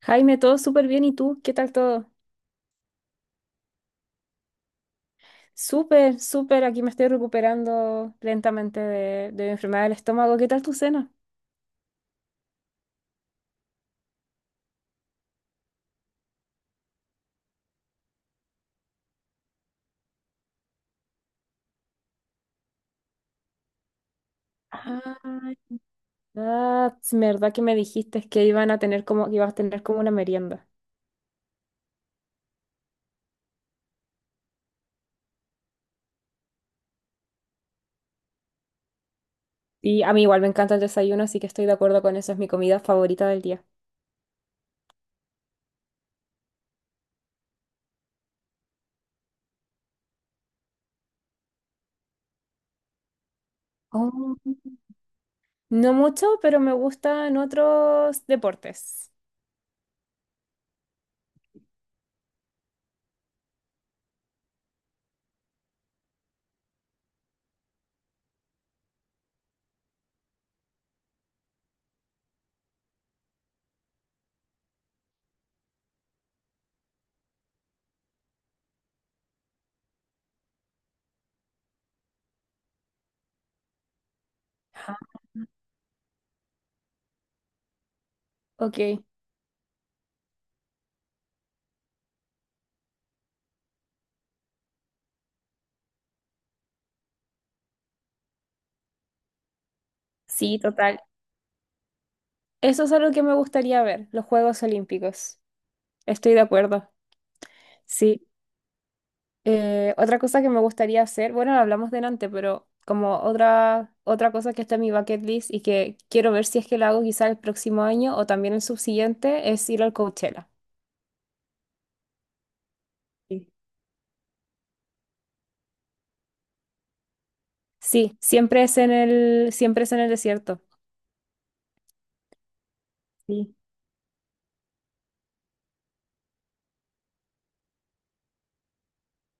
Jaime, todo súper bien. ¿Y tú? ¿Qué tal todo? Súper, súper. Aquí me estoy recuperando lentamente de mi enfermedad del estómago. ¿Qué tal tu cena? Ah, ah, es verdad que me dijiste que iban a tener como, que ibas a tener como una merienda. Y a mí igual me encanta el desayuno, así que estoy de acuerdo con eso. Es mi comida favorita del día. Oh. No mucho, pero me gustan otros deportes. Ah. Ok, sí, total. Eso es algo que me gustaría ver, los Juegos Olímpicos. Estoy de acuerdo. Sí. Otra cosa que me gustaría hacer, bueno, lo hablamos delante, pero como otra cosa que está en mi bucket list y que quiero ver si es que la hago quizá el próximo año o también el subsiguiente, es ir al Coachella. Sí, sí, siempre es en el desierto. Sí.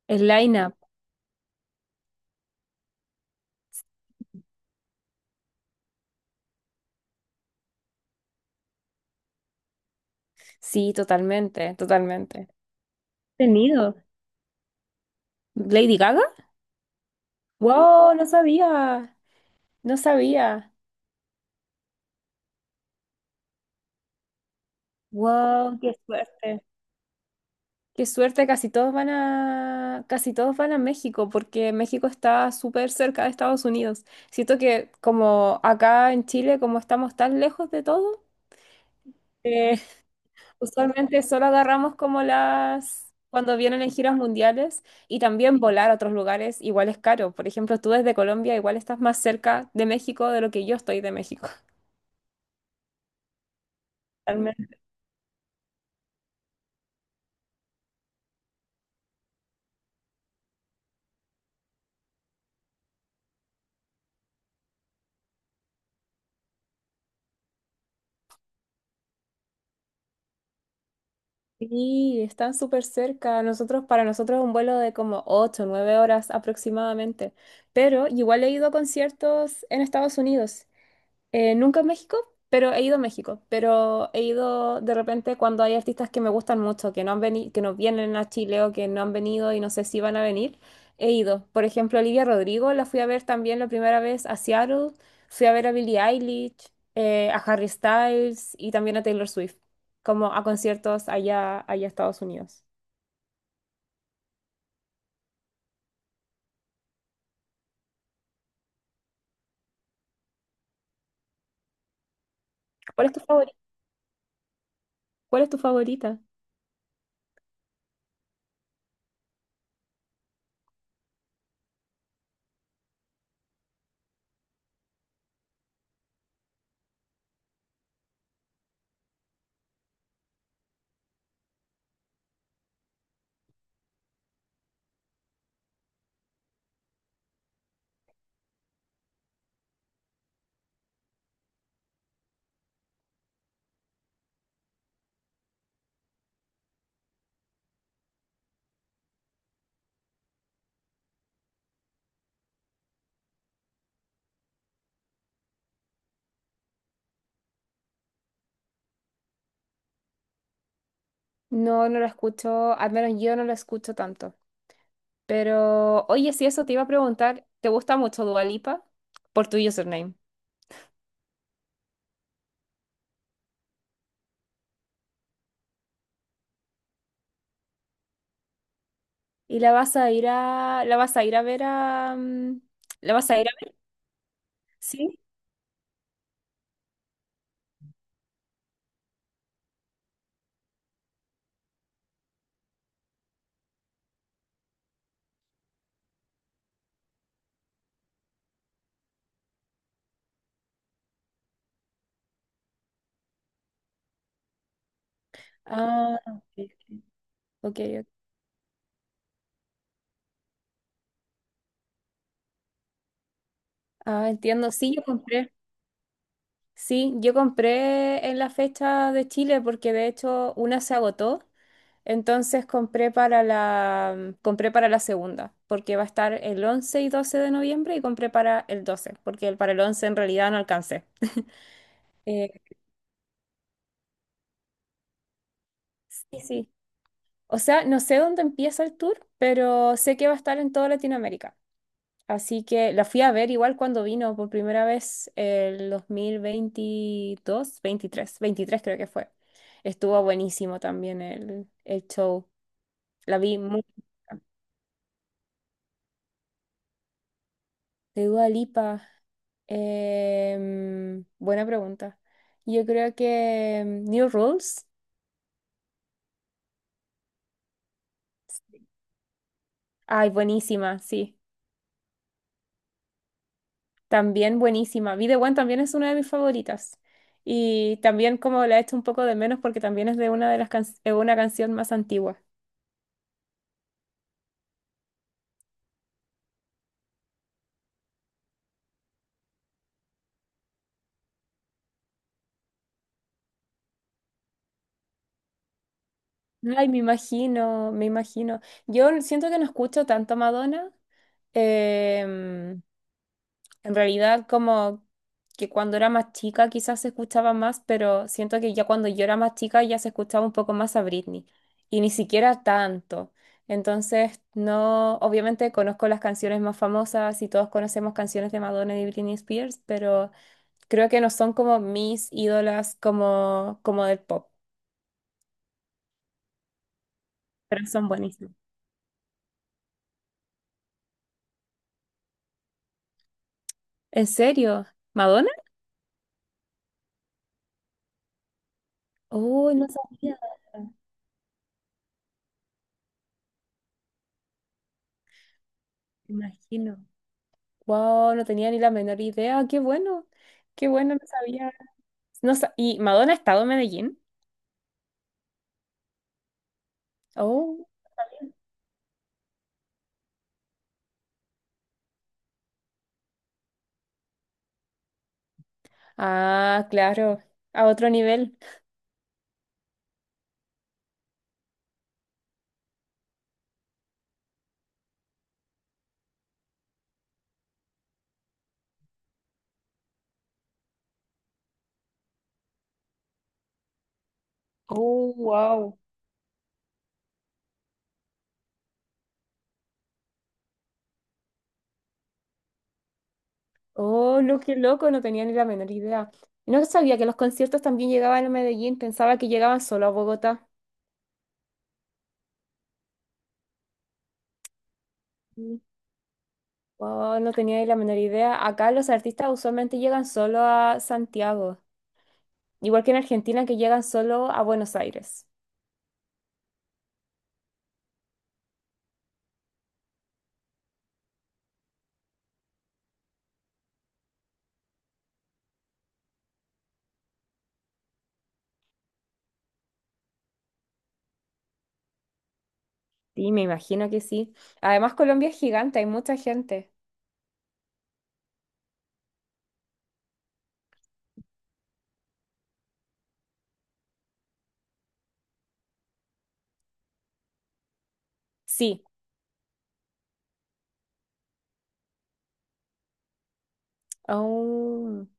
El line-up. Sí, totalmente, totalmente. Tenido. ¿Lady Gaga? Wow, no sabía, no sabía. Wow, qué suerte. Qué suerte, casi todos van a México, porque México está súper cerca de Estados Unidos. Siento que como acá en Chile, como estamos tan lejos de todo, eh, usualmente solo agarramos como las, cuando vienen en giras mundiales y también volar a otros lugares igual es caro. Por ejemplo, tú desde Colombia igual estás más cerca de México de lo que yo estoy de México. Sí, están súper cerca. Para nosotros es un vuelo de como 8, 9 horas aproximadamente. Pero igual he ido a conciertos en Estados Unidos, nunca a México, pero he ido a México. Pero he ido de repente cuando hay artistas que me gustan mucho, que no han venido, que no vienen a Chile o que no han venido y no sé si van a venir, he ido. Por ejemplo, Olivia Rodrigo la fui a ver también la primera vez a Seattle. Fui a ver a Billie Eilish, a Harry Styles y también a Taylor Swift, como a conciertos allá, a Estados Unidos. ¿Cuál es tu favori- ¿Cuál es tu favorita? No, no la escucho, al menos yo no la escucho tanto. Pero, oye, si eso te iba a preguntar, ¿te gusta mucho Dua Lipa? Por tu username. ¿Y la vas a ir a, la vas a ir a ver a, mm, la vas a ir a ver? Sí. Ah, ok, ok. Ok. Ah, entiendo. Sí, yo compré. Sí, yo compré en la fecha de Chile porque de hecho una se agotó. Entonces compré para la segunda, porque va a estar el 11 y 12 de noviembre y compré para el 12 porque para el 11 en realidad no alcancé. Eh, sí, sí. O sea, no sé dónde empieza el tour, pero sé que va a estar en toda Latinoamérica. Así que la fui a ver igual cuando vino por primera vez el 2022, 23, 23 creo que fue. Estuvo buenísimo también el show. La vi muy. De Dua Lipa. Buena pregunta. Yo creo que New Rules. Ay, buenísima, sí. También buenísima. Be the One también es una de mis favoritas. Y también como la he hecho un poco de menos porque también es de una canción más antigua. Ay, me imagino, me imagino. Yo siento que no escucho tanto Madonna. em, En realidad, como que cuando era más chica quizás se escuchaba más, pero siento que ya cuando yo era más chica ya se escuchaba un poco más a Britney. Y ni siquiera tanto. Entonces, no, obviamente conozco las canciones más famosas y todos conocemos canciones de Madonna y Britney Spears, pero creo que no son como mis ídolas como del pop, pero son buenísimas. ¿En serio? ¿Madonna? Uy, no sabía. Imagino. Wow, no tenía ni la menor idea. Qué bueno, no sabía. No sa- ¿Y Madonna ha estado en Medellín? Oh, ah, claro, a otro nivel. Oh, wow. Oh, lo que loco, no tenía ni la menor idea. No sabía que los conciertos también llegaban a Medellín, pensaba que llegaban solo a Bogotá. Mm. Wow, no tenía ni la menor idea. Acá los artistas usualmente llegan solo a Santiago, igual que en Argentina que llegan solo a Buenos Aires. Sí, me imagino que sí. Además, Colombia es gigante, hay mucha gente. Sí, aún-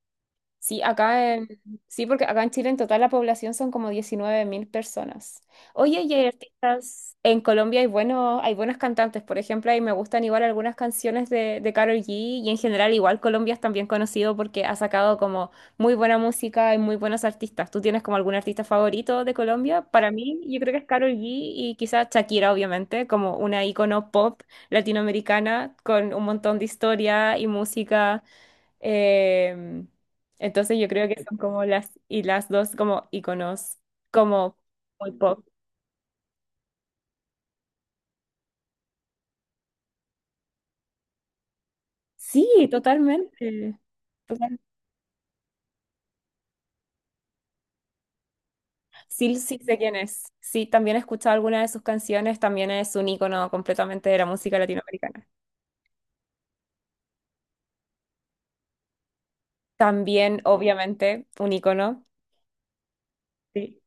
sí, porque acá en Chile en total la población son como 19.000 personas. Oye, y hay artistas en Colombia hay buenos, cantantes, por ejemplo, y me gustan igual algunas canciones de Karol G y en general igual Colombia es también conocido porque ha sacado como muy buena música y muy buenos artistas. ¿Tú tienes como algún artista favorito de Colombia? Para mí, yo creo que es Karol G y quizás Shakira, obviamente, como una icono pop latinoamericana con un montón de historia y música. Em, entonces yo creo que son como las y las dos como iconos, como muy pop. Sí, totalmente. Total- Sí, sí sé quién es. Sí, también he escuchado algunas de sus canciones, también es un icono completamente de la música latinoamericana. También, obviamente, un icono. Sí.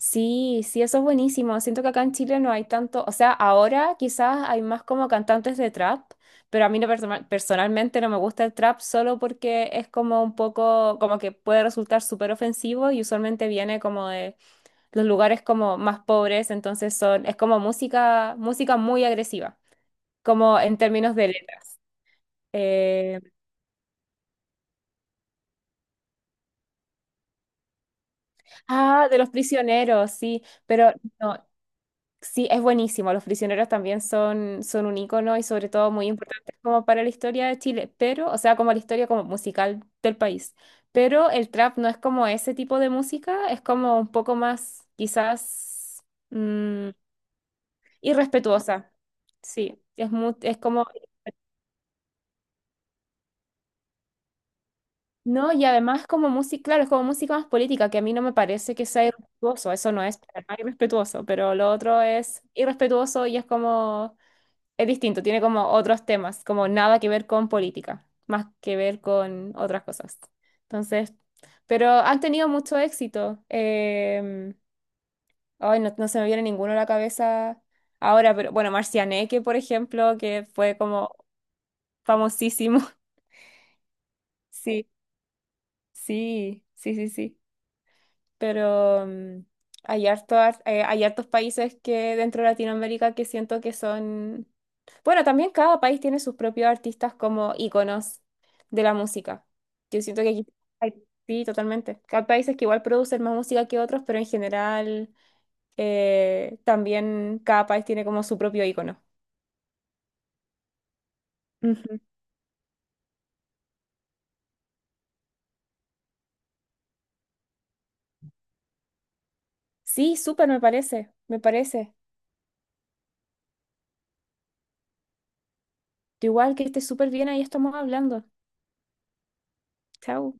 Sí, sí, eso es buenísimo. Siento que acá en Chile no hay tanto, o sea, ahora quizás hay más como cantantes de trap, pero a mí no personalmente no me gusta el trap solo porque es como un poco, como que puede resultar súper ofensivo y usualmente viene como de los lugares como más pobres, entonces es como música, muy agresiva, como en términos de letras. Eh, ah, de los prisioneros, sí, pero no, sí, es buenísimo. Los prisioneros también son un ícono y sobre todo muy importantes como para la historia de Chile, pero, o sea, como la historia como musical del país. Pero el trap no es como ese tipo de música, es como un poco más quizás mm, irrespetuosa. Sí, es, mu- es como, no, y además como música, claro, es como música más política, que a mí no me parece que sea irrespetuoso, eso no es para nada irrespetuoso, pero lo otro es irrespetuoso y es como. Es distinto, tiene como otros temas, como nada que ver con política, más que ver con otras cosas. Entonces, pero han tenido mucho éxito. Ay, no, no se me viene ninguno a la cabeza ahora, pero bueno, Marcianeque, por ejemplo, que fue como famosísimo. Sí, sí, sí, sí, sí. Pero hay hartos, hay hartos países que dentro de Latinoamérica que siento que son. Bueno, también cada país tiene sus propios artistas como íconos de la música. Yo siento que aquí hay- sí, totalmente. Hay países que igual producen más música que otros, pero en general también cada país tiene como su propio ícono. Ujú. Sí, súper, me parece, me parece. Igual que esté súper bien, ahí estamos hablando. Chao.